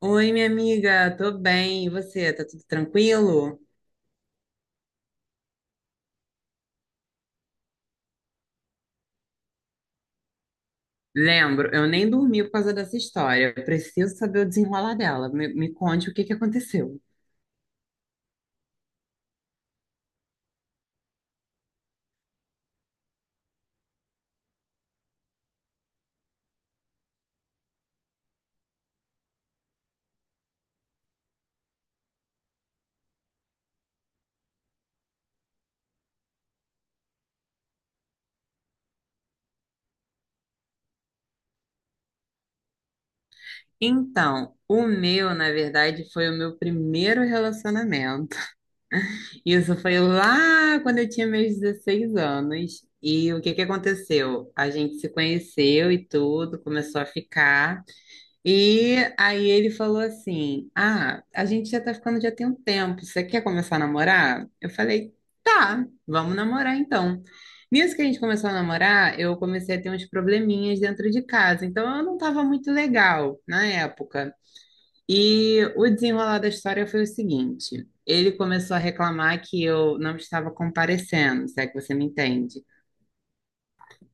Oi, minha amiga, tô bem. E você, tá tudo tranquilo? Lembro, eu nem dormi por causa dessa história. Eu preciso saber o desenrolar dela. Me conte o que que aconteceu. Então, o meu, na verdade, foi o meu primeiro relacionamento. Isso foi lá quando eu tinha meus 16 anos. E o que que aconteceu? A gente se conheceu e tudo, começou a ficar. E aí ele falou assim: ah, a gente já tá ficando já tem um tempo, você quer começar a namorar? Eu falei: tá, vamos namorar então. Nisso que a gente começou a namorar, eu comecei a ter uns probleminhas dentro de casa, então eu não tava muito legal na época. E o desenrolar da história foi o seguinte: ele começou a reclamar que eu não estava comparecendo, se é que você me entende.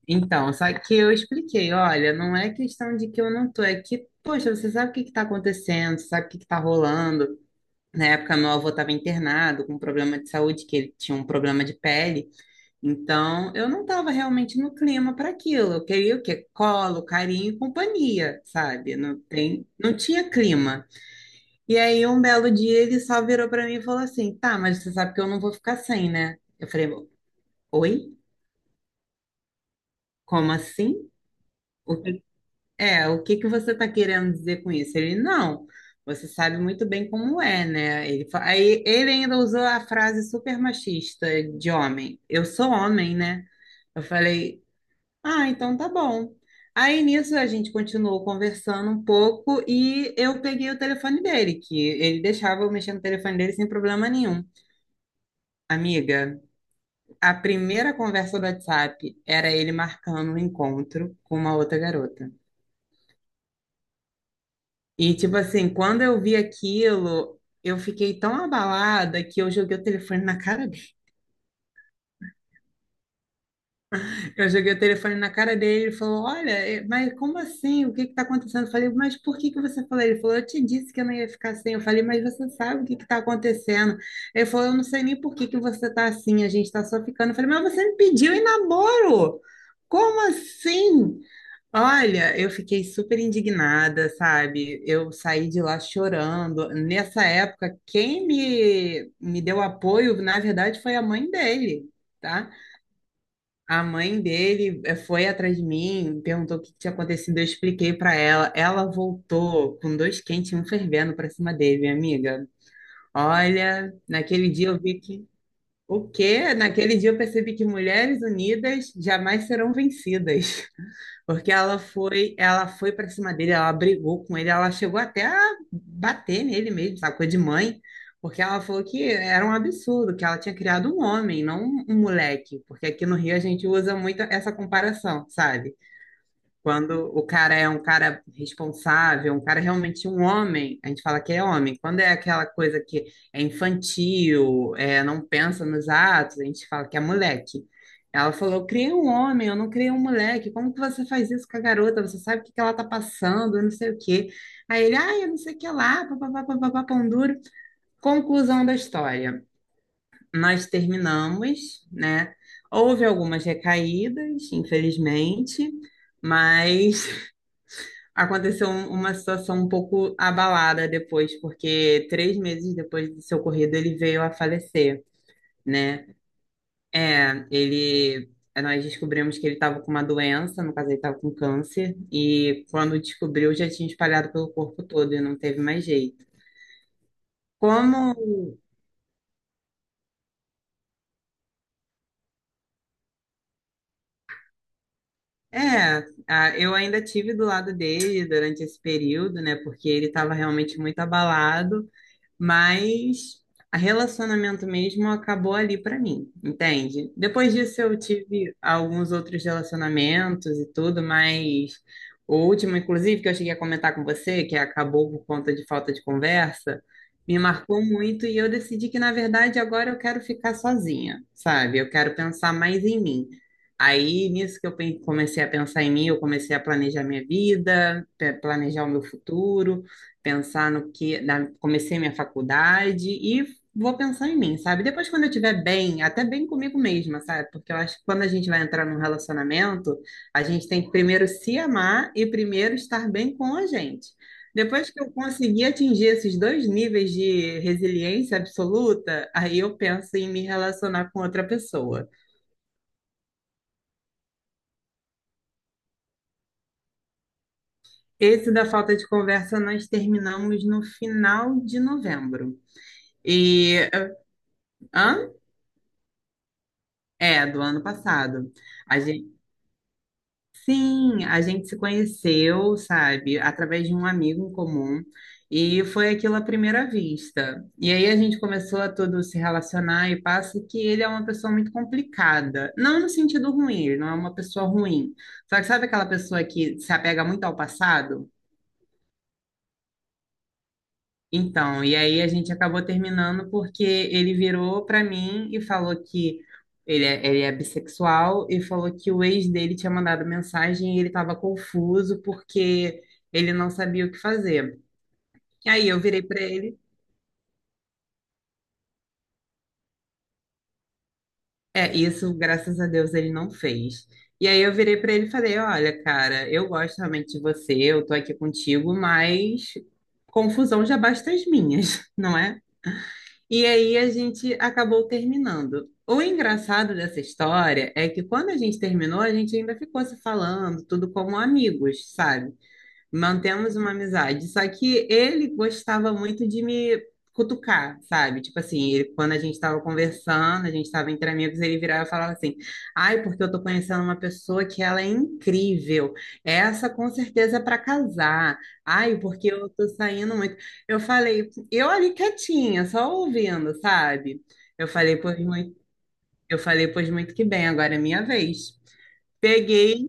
Então, só que eu expliquei, olha, não é questão de que eu não tô, é que, poxa, você sabe o que que tá acontecendo, você sabe o que que tá rolando. Na época, meu avô estava internado com um problema de saúde, que ele tinha um problema de pele. Então, eu não estava realmente no clima para aquilo. Eu queria o quê? Colo, carinho e companhia, sabe? Não tinha clima. E aí, um belo dia, ele só virou para mim e falou assim: tá, mas você sabe que eu não vou ficar sem, né? Eu falei: oi? Como assim? O É, o que que você está querendo dizer com isso? Ele, não, você sabe muito bem como é, né? Ele, aí ele ainda usou a frase super machista de homem. Eu sou homem, né? Eu falei, ah, então tá bom. Aí nisso a gente continuou conversando um pouco e eu peguei o telefone dele, que ele deixava eu mexer no telefone dele sem problema nenhum. Amiga, a primeira conversa do WhatsApp era ele marcando um encontro com uma outra garota. E, tipo assim, quando eu vi aquilo, eu fiquei tão abalada que eu joguei o telefone na cara dele. Eu joguei o telefone na cara dele, ele falou: olha, eh, mas como assim? O que que tá acontecendo? Eu falei: mas por que que você falou? Ele falou: eu te disse que eu não ia ficar assim. Eu falei: mas você sabe o que que tá acontecendo? Ele falou: eu não sei nem por que que você tá assim, a gente tá só ficando. Eu falei: mas você me pediu em namoro! Como assim? Olha, eu fiquei super indignada, sabe? Eu saí de lá chorando. Nessa época, quem me deu apoio, na verdade, foi a mãe dele, tá? A mãe dele foi atrás de mim, perguntou o que tinha acontecido, eu expliquei pra ela. Ela voltou com dois quentes e um fervendo pra cima dele, minha amiga. Olha, naquele dia eu vi que. O quê? Naquele dia eu percebi que mulheres unidas jamais serão vencidas. Porque ela foi para cima dele, ela brigou com ele, ela chegou até a bater nele mesmo, sabe? Coisa de mãe, porque ela falou que era um absurdo, que ela tinha criado um homem, não um moleque, porque aqui no Rio a gente usa muito essa comparação, sabe? Quando o cara é um cara responsável, um cara realmente um homem, a gente fala que é homem. Quando é aquela coisa que é infantil, é, não pensa nos atos, a gente fala que é moleque. Ela falou: eu criei um homem, eu não criei um moleque. Como que você faz isso com a garota? Você sabe o que que ela tá passando, eu não sei o quê. Aí ele, ah, eu não sei o que lá, papapá, papapá, pão duro. Conclusão da história. Nós terminamos, né? Houve algumas recaídas, infelizmente, mas aconteceu uma situação um pouco abalada depois, porque 3 meses depois do seu ocorrido ele veio a falecer, né? É, ele, é, nós descobrimos que ele estava com uma doença, no caso ele estava com câncer, e quando descobriu já tinha espalhado pelo corpo todo e não teve mais jeito. Como, é, a- eu ainda tive do lado dele durante esse período, né? Porque ele estava realmente muito abalado. Mas a relacionamento mesmo acabou ali para mim, entende? Depois disso eu tive alguns outros relacionamentos e tudo, mas o último, inclusive, que eu cheguei a comentar com você, que acabou por conta de falta de conversa, me marcou muito e eu decidi que, na verdade, agora eu quero ficar sozinha, sabe? Eu quero pensar mais em mim. Aí, nisso que eu comecei a pensar em mim, eu comecei a planejar minha vida, planejar o meu futuro, pensar no que. Comecei minha faculdade e vou pensar em mim, sabe? Depois, quando eu estiver bem, até bem comigo mesma, sabe? Porque eu acho que quando a gente vai entrar num relacionamento, a gente tem que primeiro se amar e primeiro estar bem com a gente. Depois que eu conseguir atingir esses dois níveis de resiliência absoluta, aí eu penso em me relacionar com outra pessoa. Esse da falta de conversa nós terminamos no final de novembro. E. Hã? É, do ano passado. A gente, sim, a gente se conheceu, sabe, através de um amigo em comum e foi aquilo à primeira vista. E aí a gente começou a todo se relacionar e passa que ele é uma pessoa muito complicada. Não no sentido ruim, ele não é uma pessoa ruim. Só que sabe aquela pessoa que se apega muito ao passado? Então, e aí a gente acabou terminando porque ele virou pra mim e falou que ele é bissexual e falou que o ex dele tinha mandado mensagem e ele estava confuso porque ele não sabia o que fazer. E aí eu virei pra ele, é, isso, graças a Deus, ele não fez. E aí eu virei pra ele e falei, olha, cara, eu gosto realmente de você, eu tô aqui contigo, mas confusão já basta as minhas, não é? E aí a gente acabou terminando. O engraçado dessa história é que quando a gente terminou, a gente ainda ficou se falando, tudo como amigos, sabe? Mantemos uma amizade. Só que ele gostava muito de me cutucar, sabe? Tipo assim, quando a gente estava conversando, a gente estava entre amigos, ele virava e falava assim: ai, porque eu tô conhecendo uma pessoa que ela é incrível. Essa com certeza é para casar. Ai, porque eu tô saindo muito. Eu falei, eu ali quietinha, só ouvindo, sabe? Eu falei, pois muito, eu falei, pois muito que bem, agora é minha vez. Peguei.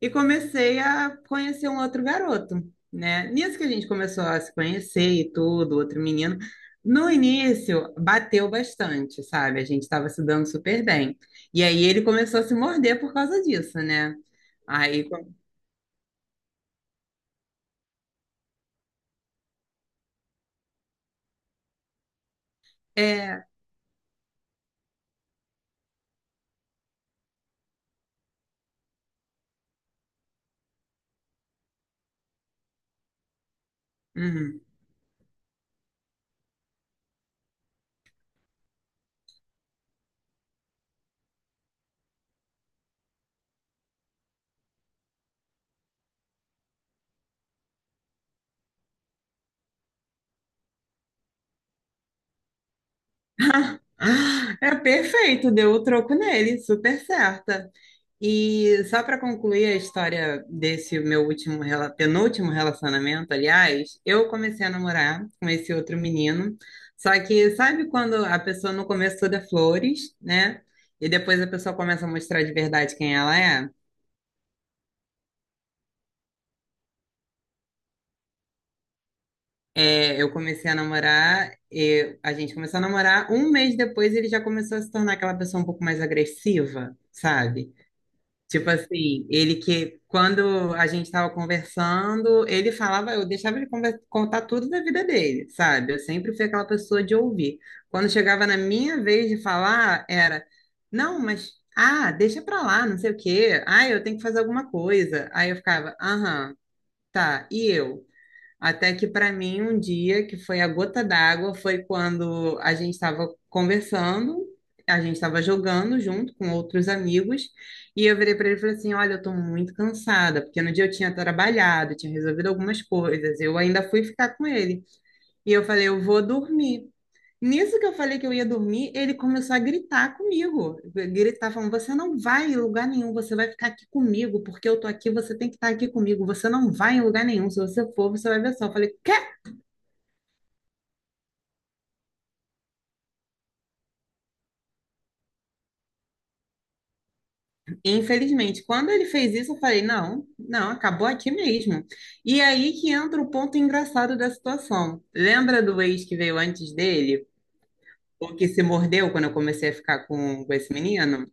E comecei a conhecer um outro garoto, né? Nisso que a gente começou a se conhecer e tudo, outro menino. No início, bateu bastante, sabe? A gente estava se dando super bem. E aí ele começou a se morder por causa disso, né? Aí, é, uhum. Ah, ah, é perfeito, deu o troco nele, super certa. E só para concluir a história desse meu último, penúltimo relacionamento, aliás, eu comecei a namorar com esse outro menino. Só que sabe quando a pessoa no começo toda é flores, né? E depois a pessoa começa a mostrar de verdade quem ela é? É, eu comecei a namorar, e a gente começou a namorar, um mês depois ele já começou a se tornar aquela pessoa um pouco mais agressiva, sabe? Tipo assim, ele que, quando a gente estava conversando, ele falava, eu deixava ele contar tudo da vida dele, sabe? Eu sempre fui aquela pessoa de ouvir. Quando chegava na minha vez de falar, era, não, mas, ah, deixa pra lá, não sei o quê. Ah, eu tenho que fazer alguma coisa. Aí eu ficava, aham, tá, e eu? Até que para mim um dia que foi a gota d'água foi quando a gente estava conversando, a gente estava jogando junto com outros amigos e eu virei para ele e falei assim, olha, eu estou muito cansada porque no dia eu tinha trabalhado, tinha resolvido algumas coisas, eu ainda fui ficar com ele e eu falei, eu vou dormir. Nisso que eu falei que eu ia dormir, ele começou a gritar comigo. Gritar falando: "Você não vai em lugar nenhum, você vai ficar aqui comigo, porque eu tô aqui, você tem que estar aqui comigo. Você não vai em lugar nenhum, se você for, você vai ver só". Eu falei: "Quê?". Infelizmente, quando ele fez isso, eu falei: "Não, não, acabou aqui mesmo". E aí que entra o ponto engraçado da situação. Lembra do ex que veio antes dele? O que se mordeu quando eu comecei a ficar com esse menino?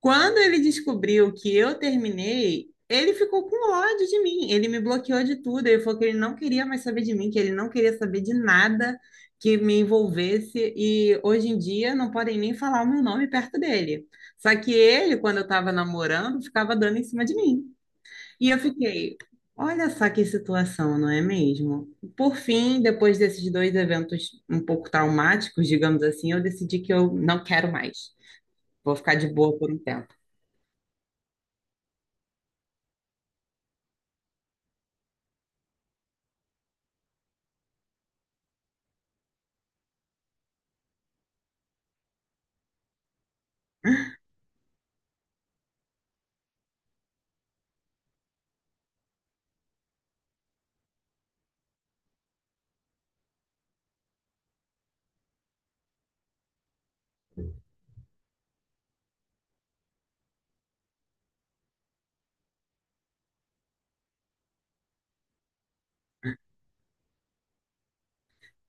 Quando ele descobriu que eu terminei, ele ficou com ódio de mim. Ele me bloqueou de tudo. Ele falou que ele não queria mais saber de mim, que ele não queria saber de nada que me envolvesse. E hoje em dia não podem nem falar o meu nome perto dele. Só que ele, quando eu estava namorando, ficava dando em cima de mim. E eu fiquei, olha só que situação, não é mesmo? Por fim, depois desses dois eventos um pouco traumáticos, digamos assim, eu decidi que eu não quero mais. Vou ficar de boa por um tempo.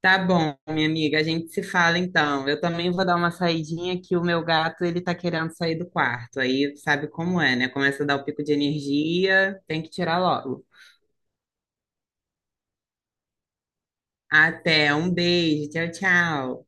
Tá bom, minha amiga, a gente se fala então. Eu também vou dar uma saidinha que o meu gato, ele tá querendo sair do quarto. Aí sabe como é, né? Começa a dar o pico de energia, tem que tirar logo. Até, um beijo, tchau, tchau.